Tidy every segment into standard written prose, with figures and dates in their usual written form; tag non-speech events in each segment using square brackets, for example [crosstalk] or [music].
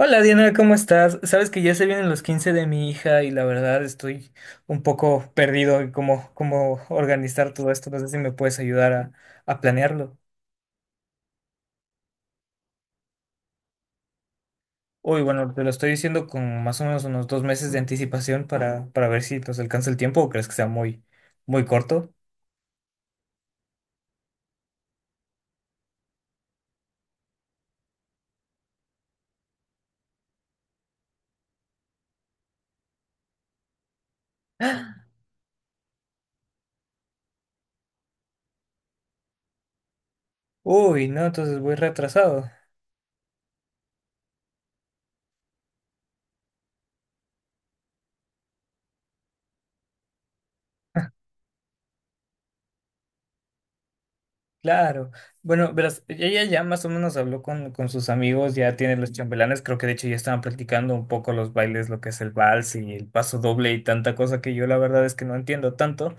Hola Diana, ¿cómo estás? Sabes que ya se vienen los 15 de mi hija y la verdad estoy un poco perdido en cómo organizar todo esto. No sé si me puedes ayudar a planearlo. Uy, bueno, te lo estoy diciendo con más o menos unos dos meses de anticipación para ver si nos alcanza el tiempo o crees que sea muy corto. Uy, no, entonces voy retrasado. Claro. Bueno, verás, ella ya más o menos habló con sus amigos, ya tiene los chambelanes, creo que de hecho ya estaban practicando un poco los bailes, lo que es el vals y el paso doble y tanta cosa que yo la verdad es que no entiendo tanto,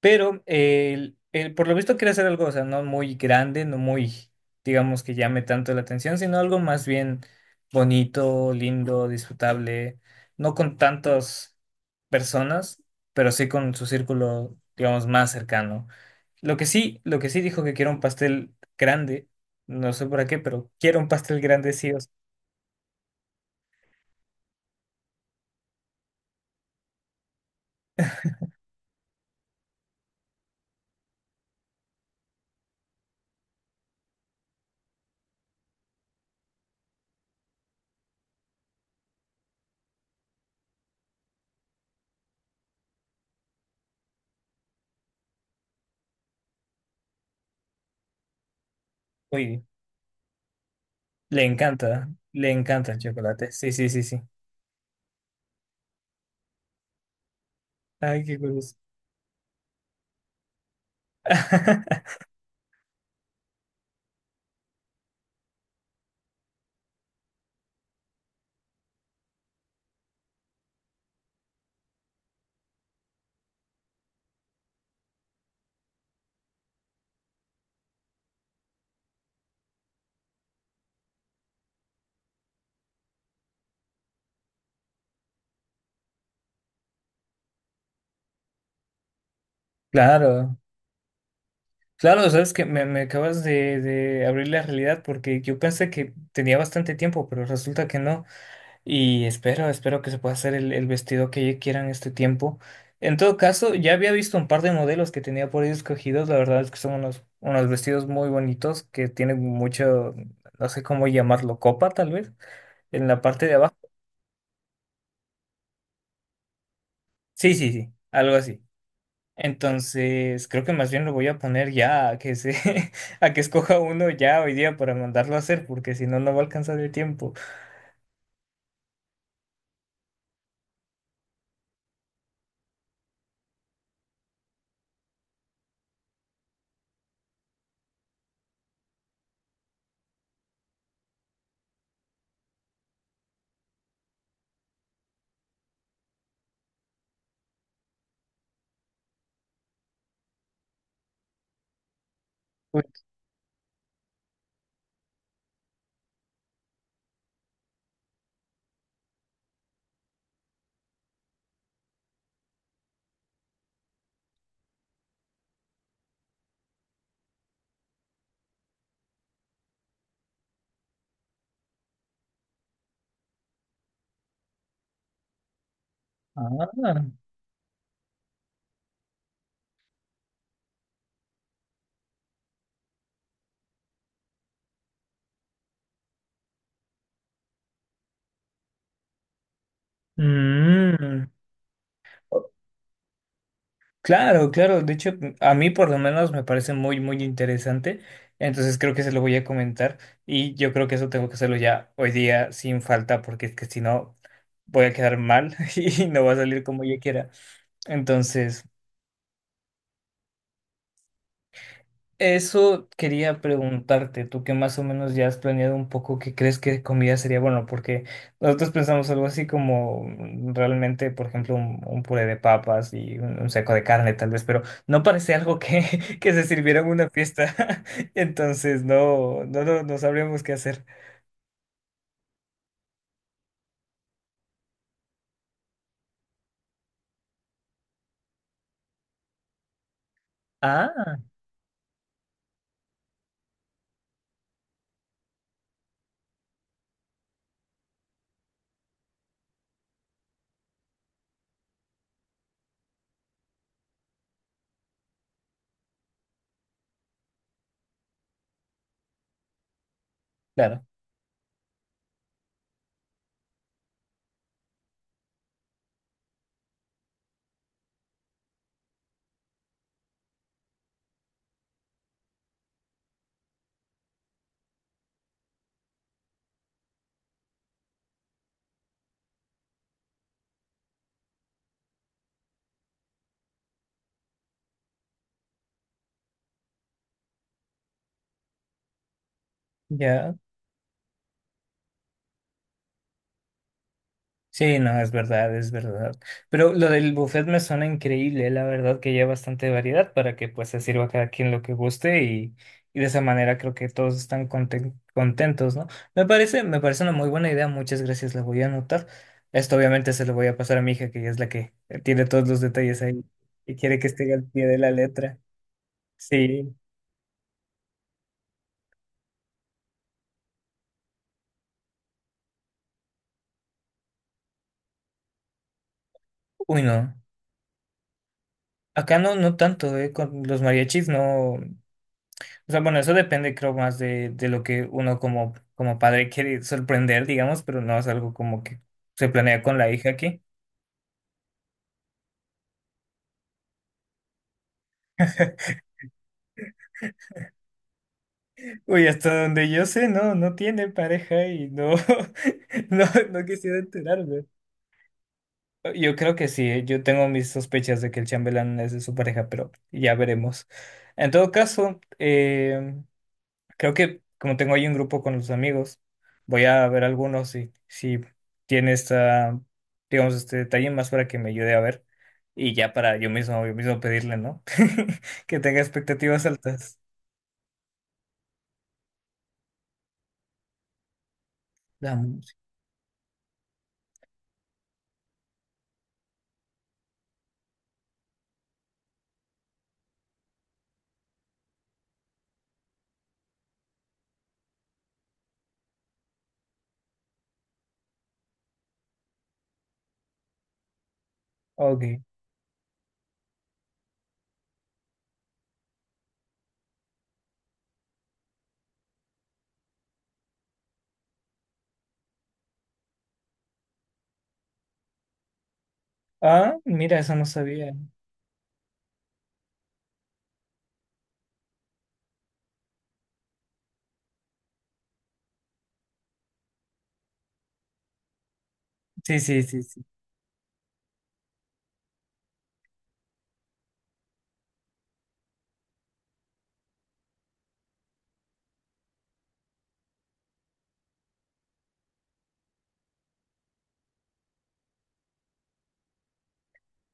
pero por lo visto quiere hacer algo, o sea, no muy grande, no muy, digamos, que llame tanto la atención, sino algo más bien bonito, lindo, disfrutable, no con tantas personas, pero sí con su círculo, digamos, más cercano. Lo que sí dijo que quiero un pastel grande, no sé para qué, pero quiero un pastel grande sí o sí. Uy, le encanta el chocolate. Sí, sí, sí, sí. Ay, qué curioso. [laughs] Claro. Claro, sabes que me acabas de abrir la realidad porque yo pensé que tenía bastante tiempo, pero resulta que no. Y espero, espero que se pueda hacer el vestido que ella quiera en este tiempo. En todo caso, ya había visto un par de modelos que tenía por ahí escogidos. La verdad es que son unos, unos vestidos muy bonitos que tienen mucho, no sé cómo llamarlo, copa tal vez, en la parte de abajo. Sí, sí, sí, algo así. Entonces, creo que más bien lo voy a poner ya a que se, [laughs] a que escoja uno ya hoy día para mandarlo a hacer, porque si no, no va a alcanzar el tiempo. Uy, ah, mm. Claro, claro. De hecho, a mí por lo menos me parece muy interesante. Entonces creo que se lo voy a comentar y yo creo que eso tengo que hacerlo ya hoy día sin falta, porque es que si no voy a quedar mal [laughs] y no va a salir como yo quiera. Entonces. Eso quería preguntarte, tú que más o menos ya has planeado un poco qué crees que comida sería bueno, porque nosotros pensamos algo así como realmente, por ejemplo, un puré de papas y un seco de carne tal vez, pero no parece algo que, [laughs] que se sirviera en una fiesta, [laughs] entonces no, no, no, no sabríamos qué hacer. Ah, claro, ya. Sí, no, es verdad, es verdad. Pero lo del buffet me suena increíble, la verdad que ya bastante variedad para que pues se sirva a cada quien lo que guste y de esa manera creo que todos están contentos, ¿no? Me parece una muy buena idea, muchas gracias, la voy a anotar. Esto obviamente se lo voy a pasar a mi hija, que ella es la que tiene todos los detalles ahí y quiere que esté al pie de la letra. Sí. Uy, no. Acá no, no tanto, ¿eh? Con los mariachis no. O sea, bueno, eso depende, creo, más de lo que uno como, como padre quiere sorprender, digamos, pero no es algo como que se planea con la hija aquí. [laughs] Uy, hasta donde yo sé, no, no tiene pareja y no, [laughs] no, no quisiera enterarme. Yo creo que sí, ¿eh? Yo tengo mis sospechas de que el chambelán es de su pareja, pero ya veremos. En todo caso, creo que como tengo ahí un grupo con los amigos, voy a ver algunos si tiene esta, digamos, este detalle más para que me ayude a ver y ya para yo mismo pedirle, ¿no? [laughs] Que tenga expectativas altas. La música. Ok. Ah, mira, eso no sabía. Sí, sí, sí, sí.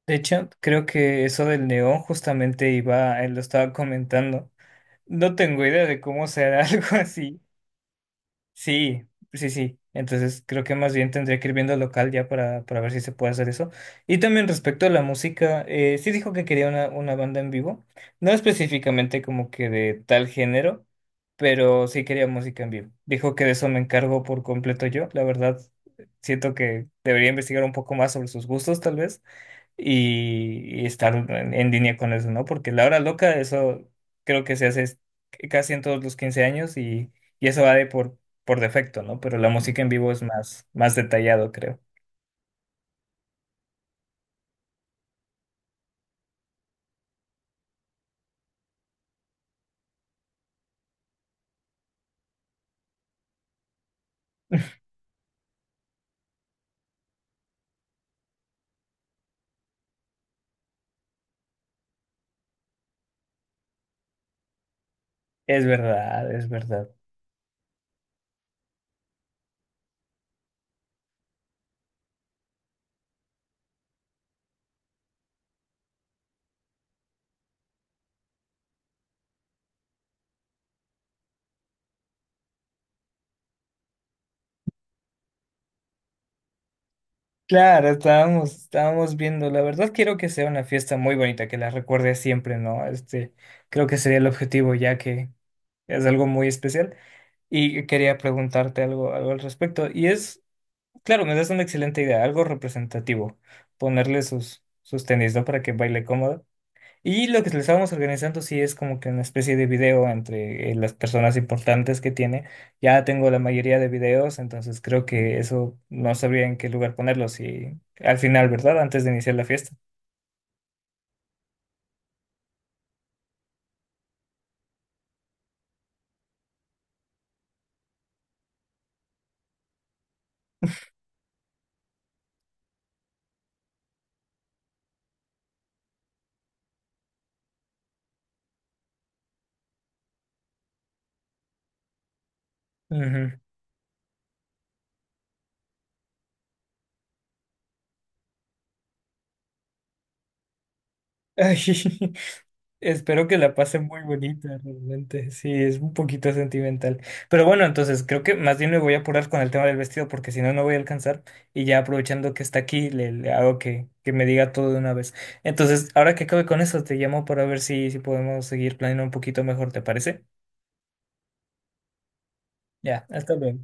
De hecho, creo que eso del neón justamente iba, él lo estaba comentando. No tengo idea de cómo será [laughs] algo así. Sí, sí, sí. Entonces creo que más bien tendría que ir viendo local ya para ver si se puede hacer eso. Y también respecto a la música, sí dijo que quería una banda en vivo, no específicamente como que de tal género, pero sí quería música en vivo. Dijo que de eso me encargo por completo yo. La verdad, siento que debería investigar un poco más sobre sus gustos tal vez y estar en línea con eso, ¿no? Porque la hora loca, eso creo que se casi en todos los 15 años y eso va de por defecto, ¿no? Pero la música en vivo es más, más detallado, creo. Es verdad, es verdad. Claro, estábamos, estábamos viendo. La verdad quiero que sea una fiesta muy bonita, que la recuerde siempre, ¿no? Este, creo que sería el objetivo, ya que es algo muy especial. Y quería preguntarte algo, algo al respecto. Y es claro, me das una excelente idea, algo representativo, ponerle sus, sus tenis, ¿no? Para que baile cómodo. Y lo que le estábamos organizando sí es como que una especie de video entre las personas importantes que tiene. Ya tengo la mayoría de videos, entonces creo que eso no sabría en qué lugar ponerlos y al final, ¿verdad? Antes de iniciar la fiesta. Ujú. [laughs] Ay, espero que la pasen muy bonita, realmente. Sí, es un poquito sentimental. Pero bueno, entonces creo que más bien me voy a apurar con el tema del vestido porque si no, no voy a alcanzar. Y ya aprovechando que está aquí, le hago que me diga todo de una vez. Entonces, ahora que acabe con eso, te llamo para ver si podemos seguir planeando un poquito mejor, ¿te parece? Ya, hasta luego.